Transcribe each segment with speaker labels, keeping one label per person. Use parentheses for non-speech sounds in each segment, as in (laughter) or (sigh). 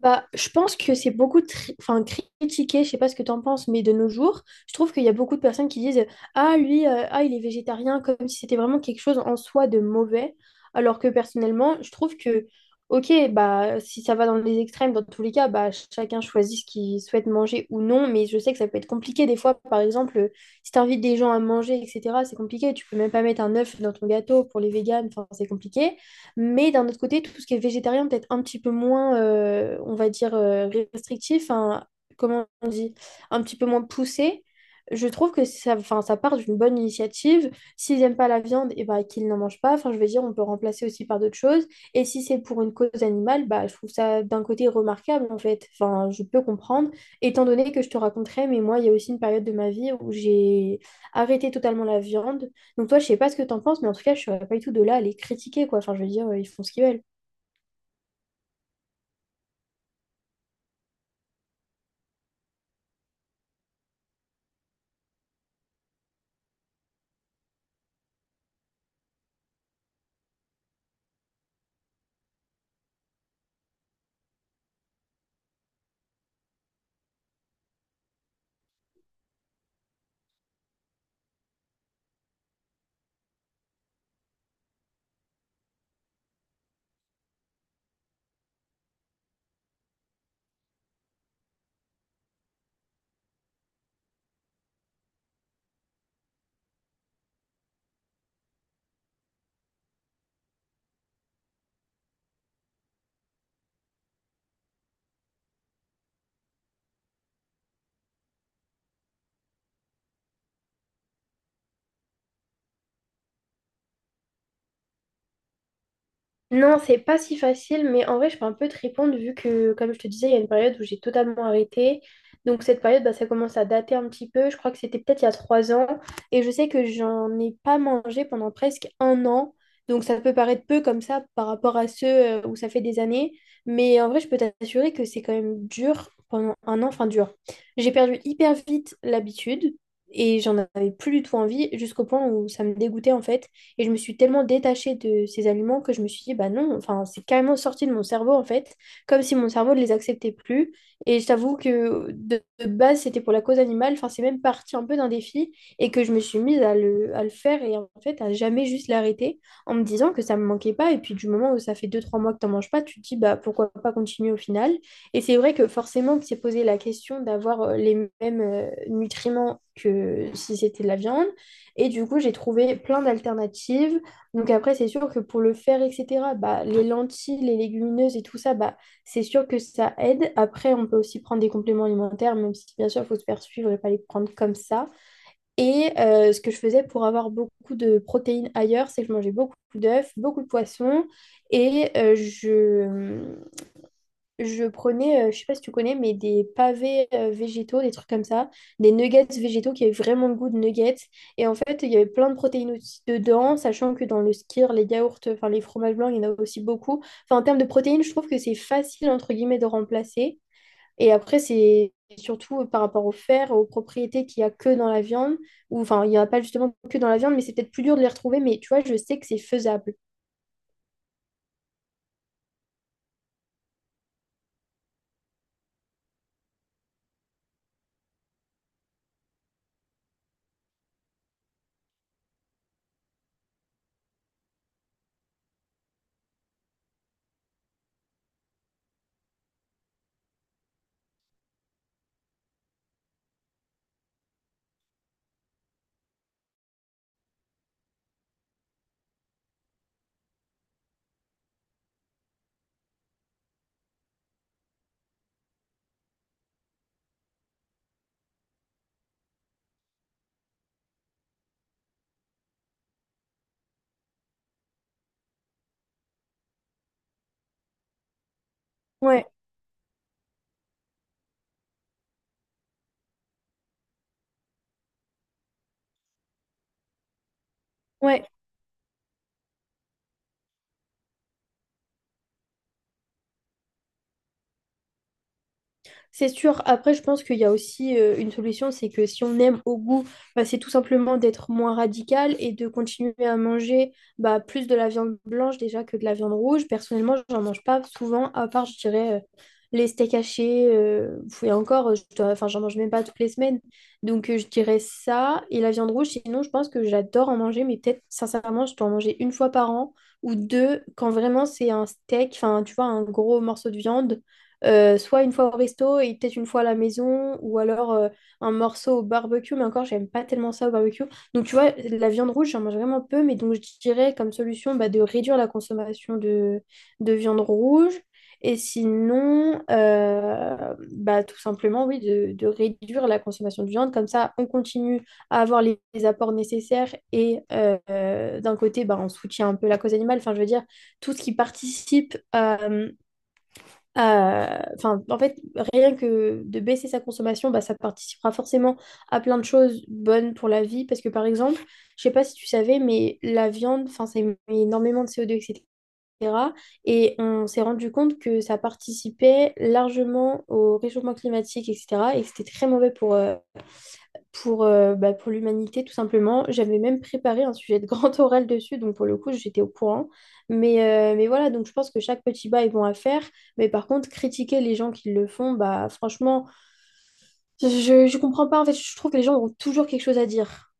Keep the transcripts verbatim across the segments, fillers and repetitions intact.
Speaker 1: Bah, je pense que c'est beaucoup tri- enfin, critiqué. Je sais pas ce que tu en penses, mais de nos jours, je trouve qu'il y a beaucoup de personnes qui disent: "Ah, lui, euh, ah, il est végétarien", comme si c'était vraiment quelque chose en soi de mauvais. Alors que personnellement, je trouve que, ok, bah, si ça va dans les extrêmes, dans tous les cas, bah, chacun choisit ce qu'il souhaite manger ou non, mais je sais que ça peut être compliqué des fois. Par exemple, euh, si tu invites des gens à manger, et cetera, c'est compliqué. Tu peux même pas mettre un œuf dans ton gâteau pour les véganes, enfin, c'est compliqué. Mais d'un autre côté, tout ce qui est végétarien, peut-être un petit peu moins, euh, on va dire, euh, restrictif, hein, comment on dit, un petit peu moins poussé. Je trouve que ça, enfin, ça part d'une bonne initiative. S'ils n'aiment pas la viande, et ben qu'ils n'en mangent pas. Enfin, je veux dire, on peut remplacer aussi par d'autres choses. Et si c'est pour une cause animale, bah, je trouve ça d'un côté remarquable, en fait. Enfin, je peux comprendre, étant donné que je te raconterai, mais moi, il y a aussi une période de ma vie où j'ai arrêté totalement la viande. Donc toi, je sais pas ce que t'en penses, mais en tout cas, je serais pas du tout de là à les critiquer, quoi. Enfin, je veux dire, euh, ils font ce qu'ils veulent. Non, c'est pas si facile, mais en vrai, je peux un peu te répondre vu que, comme je te disais, il y a une période où j'ai totalement arrêté. Donc, cette période, bah, ça commence à dater un petit peu. Je crois que c'était peut-être il y a trois ans. Et je sais que j'en ai pas mangé pendant presque un an. Donc, ça peut paraître peu comme ça par rapport à ceux euh, où ça fait des années. Mais en vrai, je peux t'assurer que c'est quand même dur pendant un an. Enfin, dur. J'ai perdu hyper vite l'habitude et j'en avais plus du tout envie jusqu'au point où ça me dégoûtait en fait. Et je me suis tellement détachée de ces aliments que je me suis dit, bah non, enfin, c'est carrément sorti de mon cerveau en fait, comme si mon cerveau ne les acceptait plus. Et je t'avoue que de, de base, c'était pour la cause animale, enfin, c'est même parti un peu d'un défi et que je me suis mise à le, à le faire et en fait à jamais juste l'arrêter en me disant que ça me manquait pas. Et puis du moment où ça fait deux trois mois que t'en manges pas, tu te dis, bah pourquoi pas continuer au final. Et c'est vrai que forcément, que s'est posé la question d'avoir euh, les mêmes euh, nutriments que si c'était de la viande. Et du coup, j'ai trouvé plein d'alternatives. Donc après, c'est sûr que pour le faire, et cetera, bah, les lentilles, les légumineuses et tout ça, bah, c'est sûr que ça aide. Après, on peut aussi prendre des compléments alimentaires, même si bien sûr, il faut se faire suivre et pas les prendre comme ça. Et euh, ce que je faisais pour avoir beaucoup de protéines ailleurs, c'est que je mangeais beaucoup d'œufs, beaucoup de poissons et euh, je, je prenais, euh, je sais pas si tu connais, mais des pavés euh, végétaux, des trucs comme ça, des nuggets végétaux qui avaient vraiment le goût de nuggets. Et en fait, il y avait plein de protéines aussi dedans, sachant que dans le skyr, les yaourts, enfin les fromages blancs, il y en a aussi beaucoup. Enfin, en termes de protéines, je trouve que c'est facile, entre guillemets, de remplacer. Et après, c'est surtout euh, par rapport au fer, aux propriétés qu'il y a que dans la viande, ou enfin, il n'y en a pas justement que dans la viande, mais c'est peut-être plus dur de les retrouver, mais tu vois, je sais que c'est faisable. Ouais, ouais. C'est sûr. Après, je pense qu'il y a aussi euh, une solution, c'est que si on aime au goût, bah, c'est tout simplement d'être moins radical et de continuer à manger bah, plus de la viande blanche déjà que de la viande rouge. Personnellement, j'en mange pas souvent, à part, je dirais, euh, les steaks hachés. Euh, et encore, euh, je dois- enfin, j'en mange même pas toutes les semaines. Donc, euh, je dirais ça. Et la viande rouge, sinon, je pense que j'adore en manger, mais peut-être, sincèrement, je dois en manger une fois par an ou deux quand vraiment c'est un steak, enfin, tu vois, un gros morceau de viande. Euh, soit une fois au resto et peut-être une fois à la maison, ou alors euh, un morceau au barbecue, mais encore, j'aime pas tellement ça au barbecue. Donc, tu vois, la viande rouge, j'en mange vraiment peu, mais donc je dirais comme solution bah, de réduire la consommation de, de viande rouge. Et sinon, euh, bah, tout simplement, oui, de, de réduire la consommation de viande. Comme ça, on continue à avoir les, les apports nécessaires et euh, euh, d'un côté, bah, on soutient un peu la cause animale. Enfin, je veux dire, tout ce qui participe à euh, enfin, en fait, rien que de baisser sa consommation, bah, ça participera forcément à plein de choses bonnes pour la vie. Parce que par exemple, je sais pas si tu savais, mais la viande, enfin, ça émet énormément de C O deux, et cetera. Et cetera. Et on s'est rendu compte que ça participait largement au réchauffement climatique, et cetera. Et que c'était très mauvais pour, euh, pour, euh, bah, pour l'humanité, tout simplement. J'avais même préparé un sujet de grand (laughs) oral dessus, donc pour le coup, j'étais au courant. Mais, euh, mais voilà, donc je pense que chaque petit bas est bon à faire. Mais par contre, critiquer les gens qui le font, bah franchement, je, je comprends pas. En fait, je trouve que les gens ont toujours quelque chose à dire.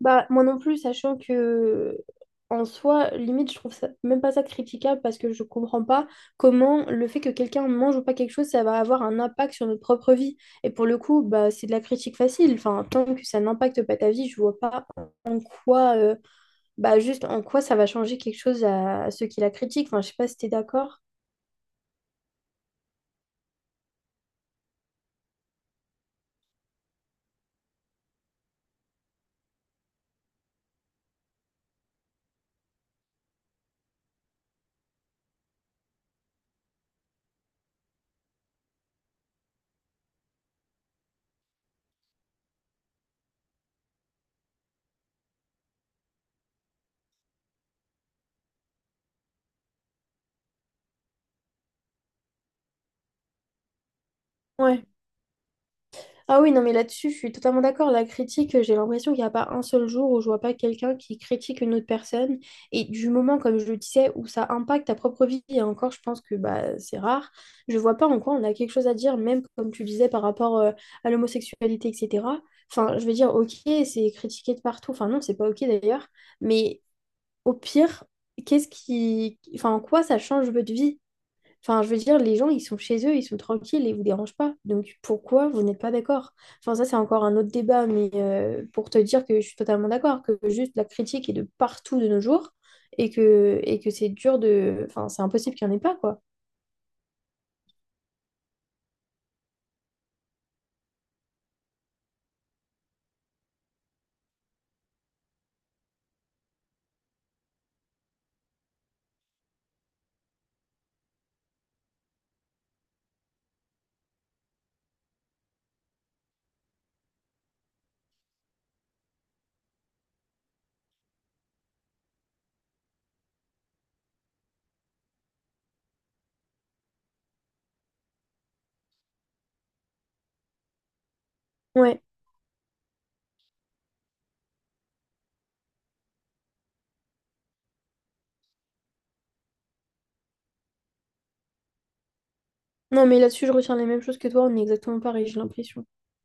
Speaker 1: Bah, moi non plus, sachant que en soi, limite, je trouve ça, même pas ça critiquable parce que je comprends pas comment le fait que quelqu'un mange ou pas quelque chose, ça va avoir un impact sur notre propre vie. Et pour le coup, bah, c'est de la critique facile. Enfin, tant que ça n'impacte pas ta vie, je vois pas en quoi, euh, bah, juste en quoi ça va changer quelque chose à, à ceux qui la critiquent. Enfin, je sais pas si t'es d'accord. Ah oui, non, mais là-dessus, je suis totalement d'accord. La critique, euh, j'ai l'impression qu'il n'y a pas un seul jour où je vois pas quelqu'un qui critique une autre personne. Et du moment, comme je le disais, où ça impacte ta propre vie, et encore, je pense que bah, c'est rare, je vois pas en quoi on a quelque chose à dire, même comme tu disais par rapport euh, à l'homosexualité, et cetera. Enfin, je veux dire, ok, c'est critiqué de partout. Enfin, non, c'est pas ok d'ailleurs. Mais au pire, qu'est-ce qui, enfin, en quoi ça change votre vie? Enfin, je veux dire, les gens, ils sont chez eux, ils sont tranquilles et ils vous dérangent pas. Donc, pourquoi vous n'êtes pas d'accord? Enfin, ça, c'est encore un autre débat, mais euh, pour te dire que je suis totalement d'accord, que juste la critique est de partout de nos jours et que, et que c'est dur de, enfin, c'est impossible qu'il n'y en ait pas, quoi. Ouais. Non, mais là-dessus, je retiens les mêmes choses que toi, on est exactement pareil, j'ai l'impression.